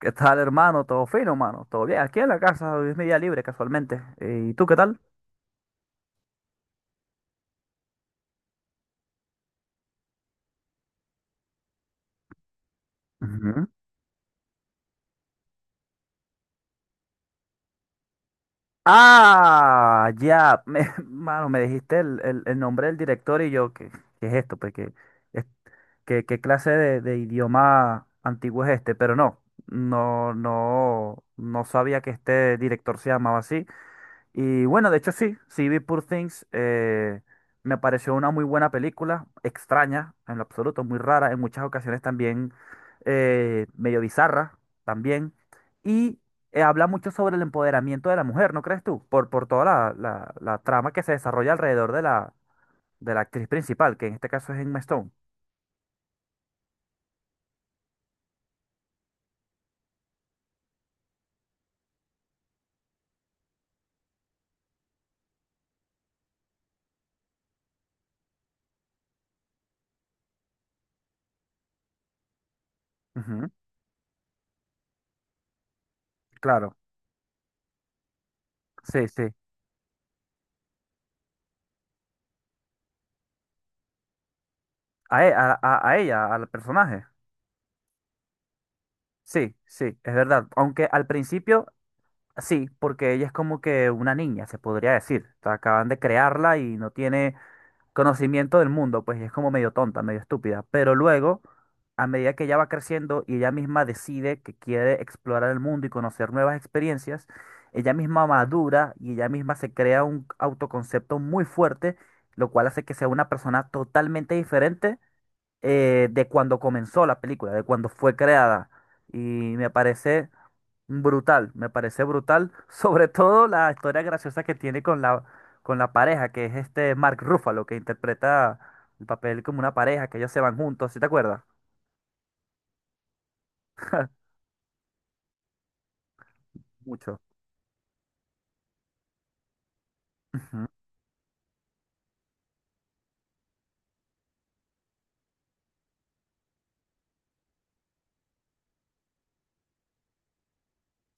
¿Qué tal, hermano? ¿Todo fino, hermano? ¿Todo bien? Aquí en la casa, hoy es mi día libre, casualmente. ¿Y tú qué tal? Ujú. Ah, ya, me, mano, me dijiste el nombre del director y yo, ¿qué, qué es esto? Pues, ¿qué, es- qué, qué clase de idioma antiguo es este? Pero no, no sabía que este director se llamaba así. Y bueno, de hecho sí, sí vi Poor Things, me pareció una muy buena película, extraña en lo absoluto, muy rara, en muchas ocasiones también medio bizarra también, y habla mucho sobre el empoderamiento de la mujer, ¿no crees tú? Por toda la trama que se desarrolla alrededor de la actriz principal, que en este caso es Emma Stone. Ujú, claro, sí, sí, a, e- a a ella, al personaje. Sí, sí, es verdad. Aunque al principio... Sí, porque ella es como que una niña, se podría decir. O sea, acaban de crearla y no tiene conocimiento del mundo, pues y es como medio tonta, medio estúpida. Pero luego, a medida que ella va creciendo y ella misma decide que quiere explorar el mundo y conocer nuevas experiencias, ella misma madura y ella misma se crea un autoconcepto muy fuerte, lo cual hace que sea una persona totalmente diferente de cuando comenzó la película, de cuando fue creada. Y me parece brutal, me parece brutal. Sobre todo la historia graciosa que tiene con la pareja, que es este Mark Ruffalo, que interpreta el papel como una pareja, que ellos se van juntos, ¿sí te acuerdas? Mucho. Ujú.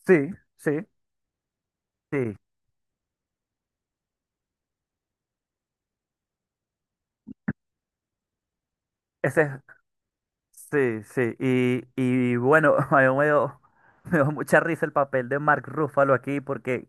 Sí, sí, sí. Ese es. Sí, sí, y bueno, a mí me dio mucha risa el papel de Mark Ruffalo aquí porque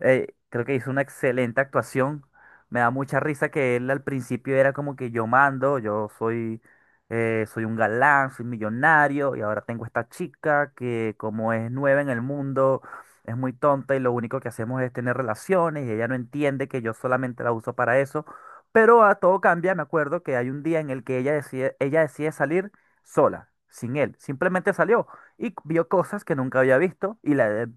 creo que hizo una excelente actuación. Me da mucha risa que él al principio era como que yo mando, yo soy, soy un galán, soy millonario y ahora tengo esta chica que como es nueva en el mundo, es muy tonta y lo único que hacemos es tener relaciones y ella no entiende que yo solamente la uso para eso. Pero a todo cambia, me acuerdo que hay un día en el que ella decide salir sola, sin él. Simplemente salió y vio cosas que nunca había visto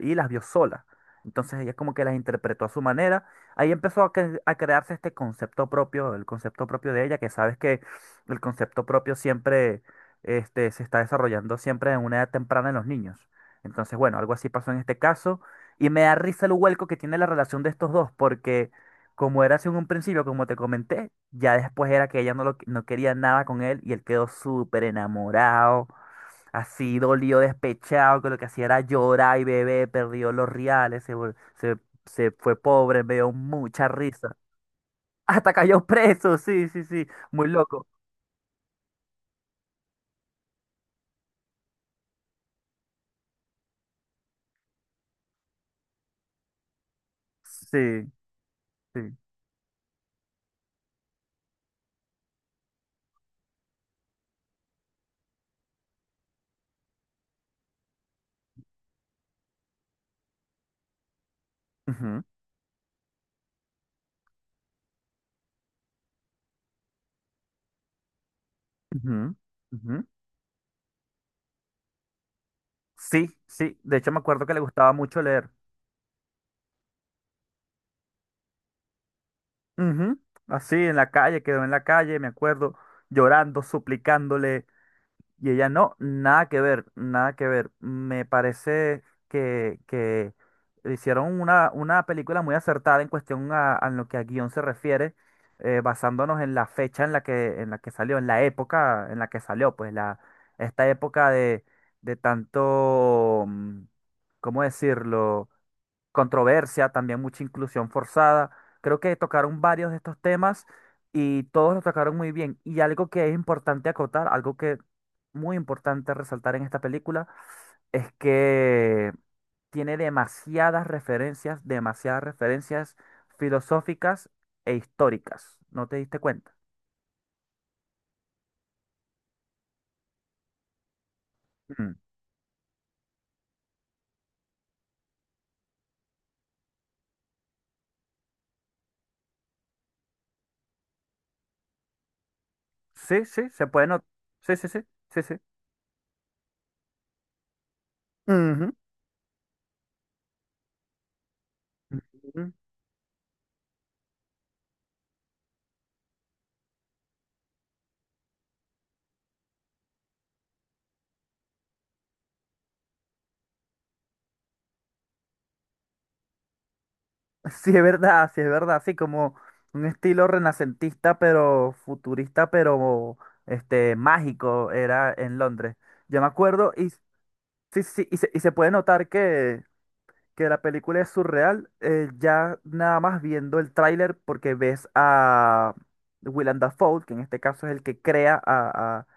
y las vio sola. Entonces ella como que las interpretó a su manera. Ahí empezó a crearse este concepto propio, el concepto propio de ella, que sabes que el concepto propio siempre se está desarrollando siempre en una edad temprana en los niños. Entonces, bueno, algo así pasó en este caso. Y me da risa el vuelco que tiene la relación de estos dos, porque como era así en un principio, como te comenté, ya después era que ella no, lo, no quería nada con él y él quedó súper enamorado, así dolido, despechado, que lo que hacía era llorar y beber, perdió los reales, se fue pobre, me dio mucha risa. Hasta cayó preso, sí, sí, sí, muy loco. Sí, sí. Ujú, ujú, ujú. Sí, sí, de hecho me acuerdo que le gustaba mucho leer. Ujú, así en la calle, quedó en la calle, me acuerdo, llorando, suplicándole. Y ella, no, nada que ver, nada que ver. Me parece que hicieron una película muy acertada en cuestión a lo que a guión se refiere, basándonos en la fecha en la que salió, en la época en la que salió, pues la, esta época de tanto, ¿cómo decirlo? Controversia, también mucha inclusión forzada. Creo que tocaron varios de estos temas y todos los tocaron muy bien. Y algo que es importante acotar, algo que muy importante resaltar en esta película, es que tiene demasiadas referencias filosóficas e históricas. ¿No te diste cuenta? Mm. Sí, sí, se puede notar. Sí, sí, sí, sí, sí. Ujú. Ujú. Sí, es verdad, sí, es verdad, sí, como un estilo renacentista, pero futurista, pero este mágico era en Londres. Yo me acuerdo y sí, sí, y se puede notar que la película es surreal, ya nada más viendo el tráiler porque ves a Willem Dafoe, que en este caso es el que crea a, a-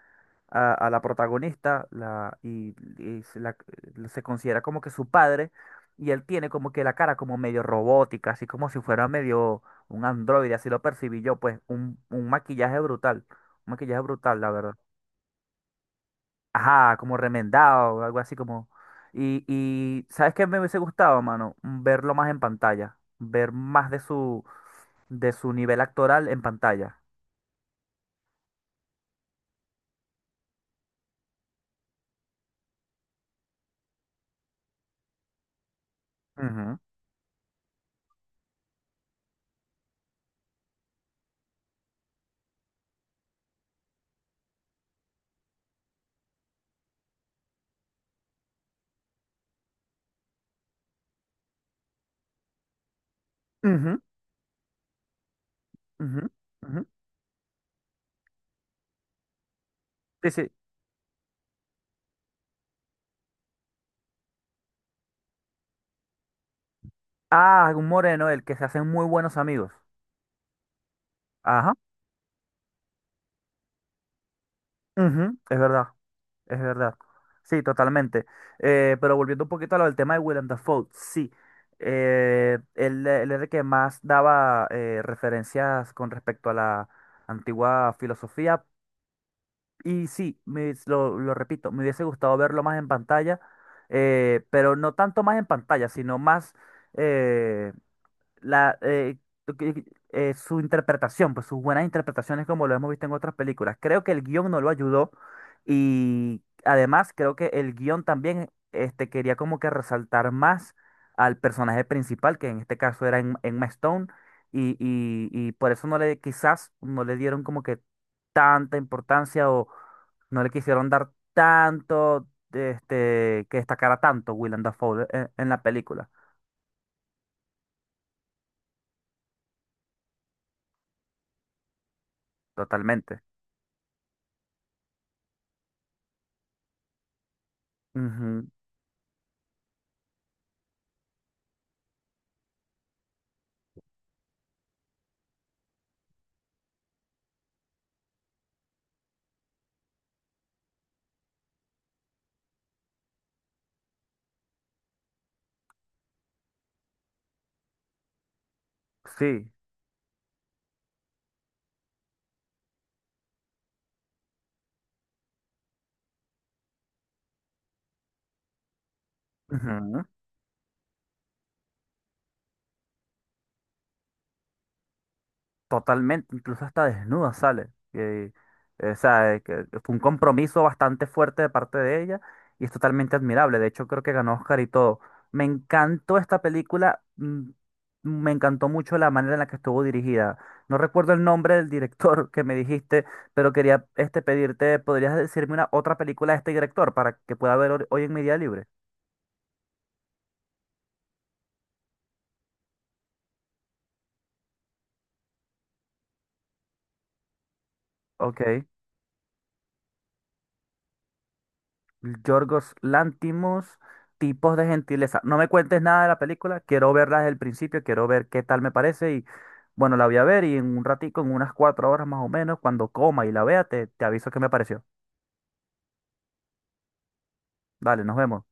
a- a la protagonista la, y se, la- se considera como que su padre y él tiene como que la cara como medio robótica, así como si fuera medio un androide, así lo percibí yo, pues un maquillaje brutal, la verdad. Ajá, como remendado, o algo así como. Y ¿sabes qué me hubiese gustado, mano? Verlo más en pantalla, ver más de su nivel actoral en pantalla. Ujú, ujú, ujú, ujú. Sí, sí. Ah, un moreno, el que se hacen muy buenos amigos. Ajá, ujú, es verdad. Es verdad. Sí, totalmente. Pero volviendo un poquito a lo del tema de Willem Dafoe, sí. Él, él era el que más daba referencias con respecto a la antigua filosofía. Y sí, lo repito, me hubiese gustado verlo más en pantalla, pero no tanto más en pantalla, sino más eh, la, eh, lo que- su interpretación, pues sus buenas interpretaciones como lo hemos visto en otras películas. Creo que el guión no lo ayudó y además creo que el guión también este, quería como que resaltar más al personaje principal, que en este caso era Emma Stone, y por eso no le, quizás no le dieron como que tanta importancia o no le quisieron dar tanto, este, que destacara tanto Willem Dafoe en la película, totalmente. Ujú. Sí, ujú, totalmente, incluso hasta desnuda sale. Y, o sea, que fue un compromiso bastante fuerte de parte de ella y es totalmente admirable. De hecho, creo que ganó Oscar y todo. Me encantó esta película, me encantó mucho la manera en la que estuvo dirigida. No recuerdo el nombre del director que me dijiste, pero quería este pedirte, ¿podrías decirme una otra película de este director para que pueda ver hoy en mi día libre? Ok. Yorgos Lantimos, tipos de gentileza. No me cuentes nada de la película, quiero verla desde el principio, quiero ver qué tal me parece y bueno, la voy a ver y en un ratico, en unas 4 horas más o menos, cuando coma y la vea, te aviso qué me pareció. Dale, nos vemos.